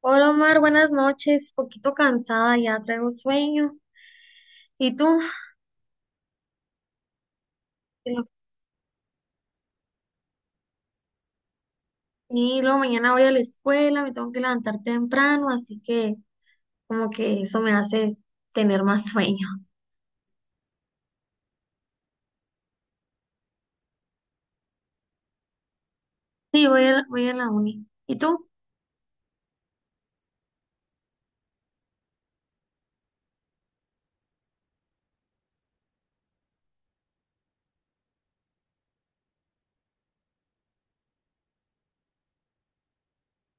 Hola Omar, buenas noches. Poquito cansada, ya traigo sueño. ¿Y tú? Y lo- y luego mañana voy a la escuela, me tengo que levantar temprano, así que como que eso me hace tener más sueño. Sí, voy a la uni. ¿Y tú?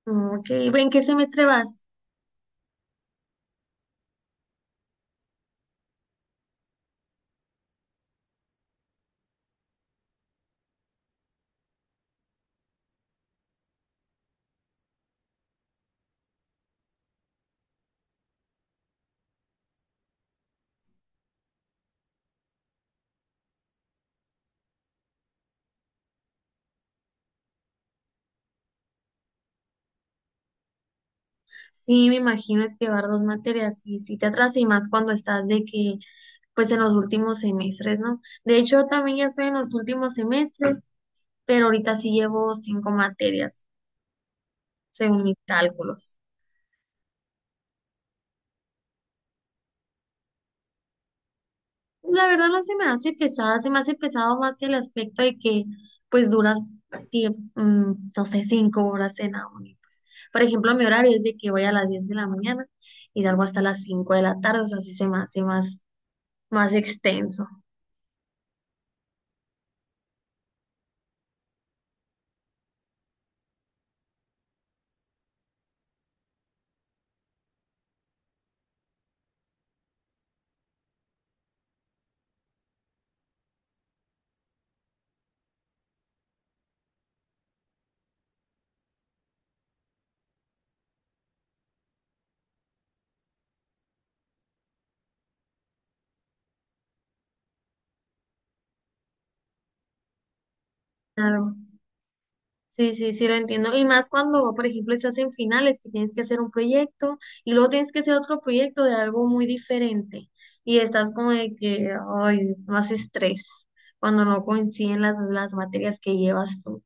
Mm, ok, ¿en qué semestre vas? Sí, me imagino es que llevar dos materias y si te atrasas y más cuando estás de que, pues en los últimos semestres, ¿no? De hecho, también ya estoy en los últimos semestres, pero ahorita sí llevo cinco materias. Según mis cálculos. La verdad no se me hace pesada, se me hace pesado más el aspecto de que pues duras, no sé, 5 horas en la uni, pues. Por ejemplo, mi horario es de que voy a las 10 de la mañana y salgo hasta las 5 de la tarde, o sea, sí se me hace más, más extenso. Claro. Sí, sí, sí, lo entiendo. Y más cuando, por ejemplo, estás en finales, que tienes que hacer un proyecto y luego tienes que hacer otro proyecto de algo muy diferente. Y estás como de que, ay, más estrés cuando no coinciden las materias que llevas tú.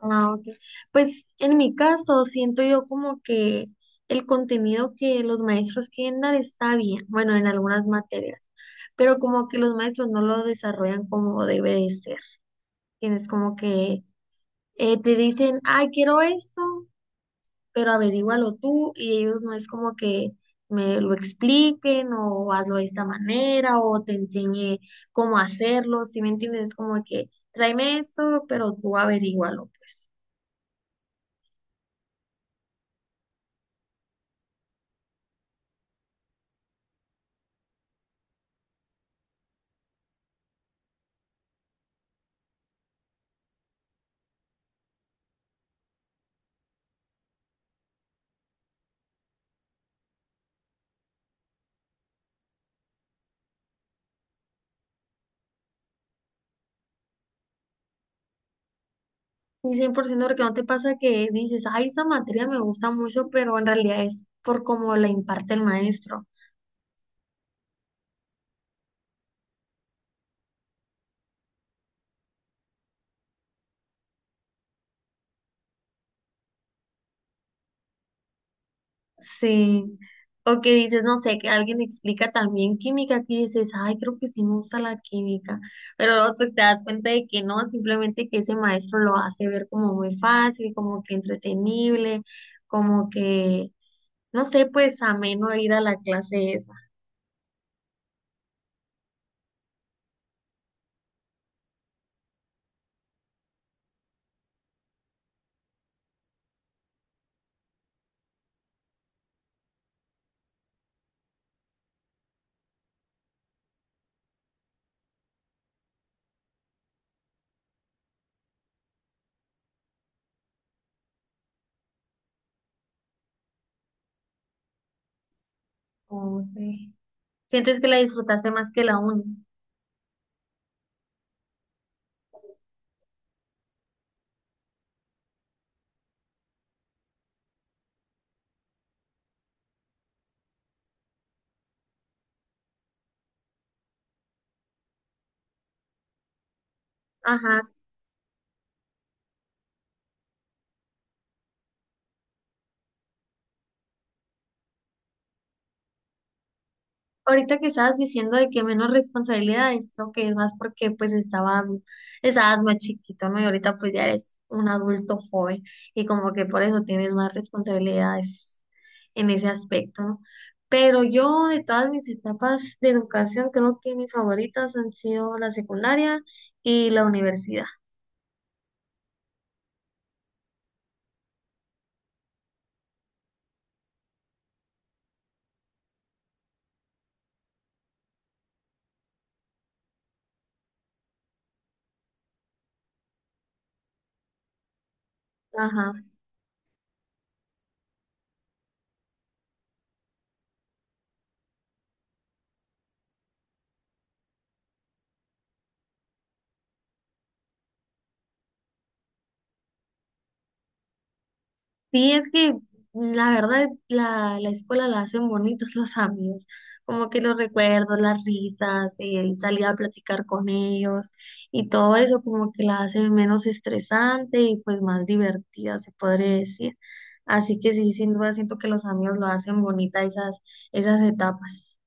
Ah, ok. Pues en mi caso, siento yo como que el contenido que los maestros quieren dar está bien, bueno, en algunas materias, pero como que los maestros no lo desarrollan como debe de ser. Tienes como que te dicen, ay, quiero esto, pero averígualo tú y ellos no es como que me lo expliquen o hazlo de esta manera o te enseñe cómo hacerlo, ¿si me entiendes? Es como que tráeme esto, pero tú averígualo, pues. Y 100% porque no te pasa que dices, ay, esta materia me gusta mucho, pero en realidad es por cómo la imparte el maestro. Sí. O que dices, no sé, que alguien explica también química, que dices, ay, creo que sí me gusta la química, pero luego pues te das cuenta de que no, simplemente que ese maestro lo hace ver como muy fácil, como que entretenible, como que, no sé, pues ameno ir a la clase esa. Como que sientes que la disfrutaste más que la uni. Ajá. Ahorita que estabas diciendo de que menos responsabilidades, creo que es más porque pues estaban, estabas más chiquito, ¿no? Y ahorita pues ya eres un adulto joven y como que por eso tienes más responsabilidades en ese aspecto, ¿no? Pero yo de todas mis etapas de educación creo que mis favoritas han sido la secundaria y la universidad. Ajá. Sí, es que la verdad la, la escuela la hacen bonitos los amigos, como que los recuerdos, las risas, el salir a platicar con ellos y todo eso como que la hacen menos estresante y pues más divertida, se podría decir. Así que sí, sin duda siento que los amigos lo hacen bonita esas, esas etapas.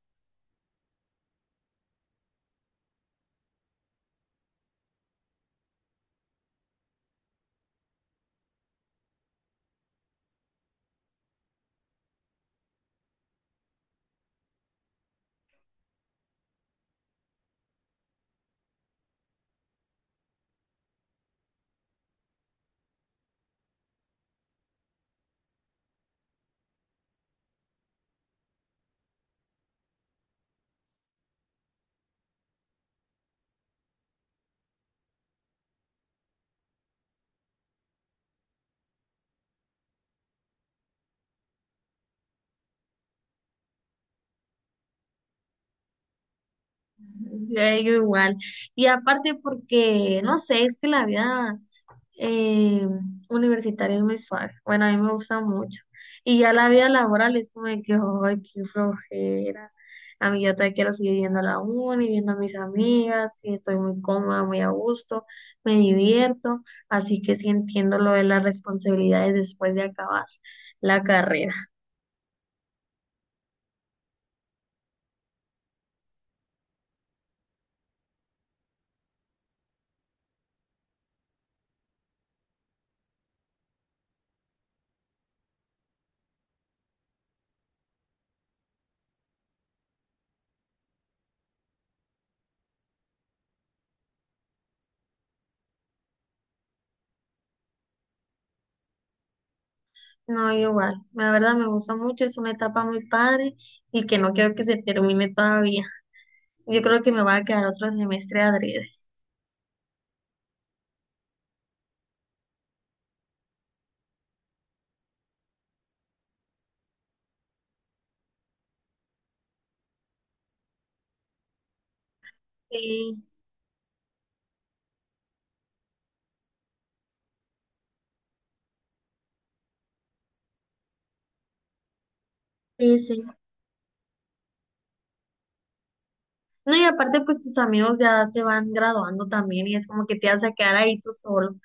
Yo digo igual. Y aparte porque, no sé, es que la vida eh, universitario mensual. Bueno, a mí me gusta mucho. Y ya la vida laboral es como de que, ay, qué flojera. A mí yo todavía quiero seguir viendo a la uni, viendo a mis amigas, y estoy muy cómoda, muy a gusto, me divierto, así que sí entiendo lo de las responsabilidades después de acabar la carrera. No, igual, la verdad me gusta mucho, es una etapa muy padre y que no quiero que se termine todavía. Yo creo que me va a quedar otro semestre adrede. Sí, sí, sí. No, y aparte, pues tus amigos ya se van graduando también y es como que te vas a quedar ahí tú solo.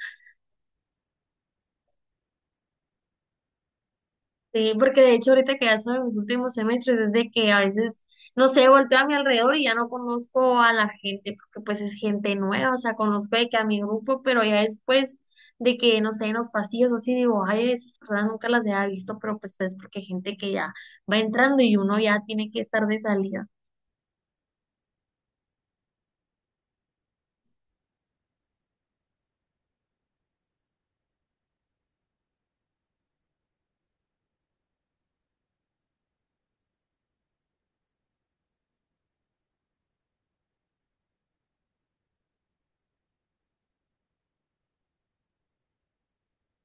Sí, porque de hecho ahorita que ya soy en mis últimos semestres es de que a veces, no sé, volteo a mi alrededor y ya no conozco a la gente porque pues es gente nueva, o sea, conozco de que a mi grupo, pero ya después de que, no sé, en los pasillos o así digo, ay, esas personas nunca las había visto, pero pues es porque hay gente que ya va entrando y uno ya tiene que estar de salida.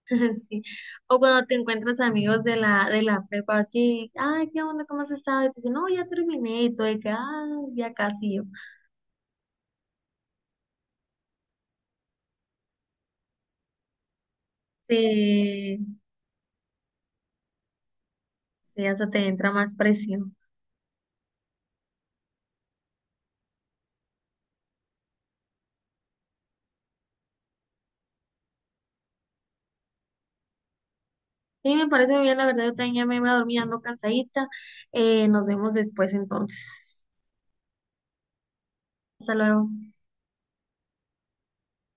Sí. O cuando te encuentras amigos de la prepa, así, ay, ¿qué onda? ¿Cómo has estado? Y te dicen, no, ya terminé, y tú de que, ah, ya casi yo. Sí, sí, hasta te entra más presión. Sí, me parece muy bien, la verdad, yo también ya me voy a dormir, ando cansadita. Nos vemos después entonces. Hasta luego.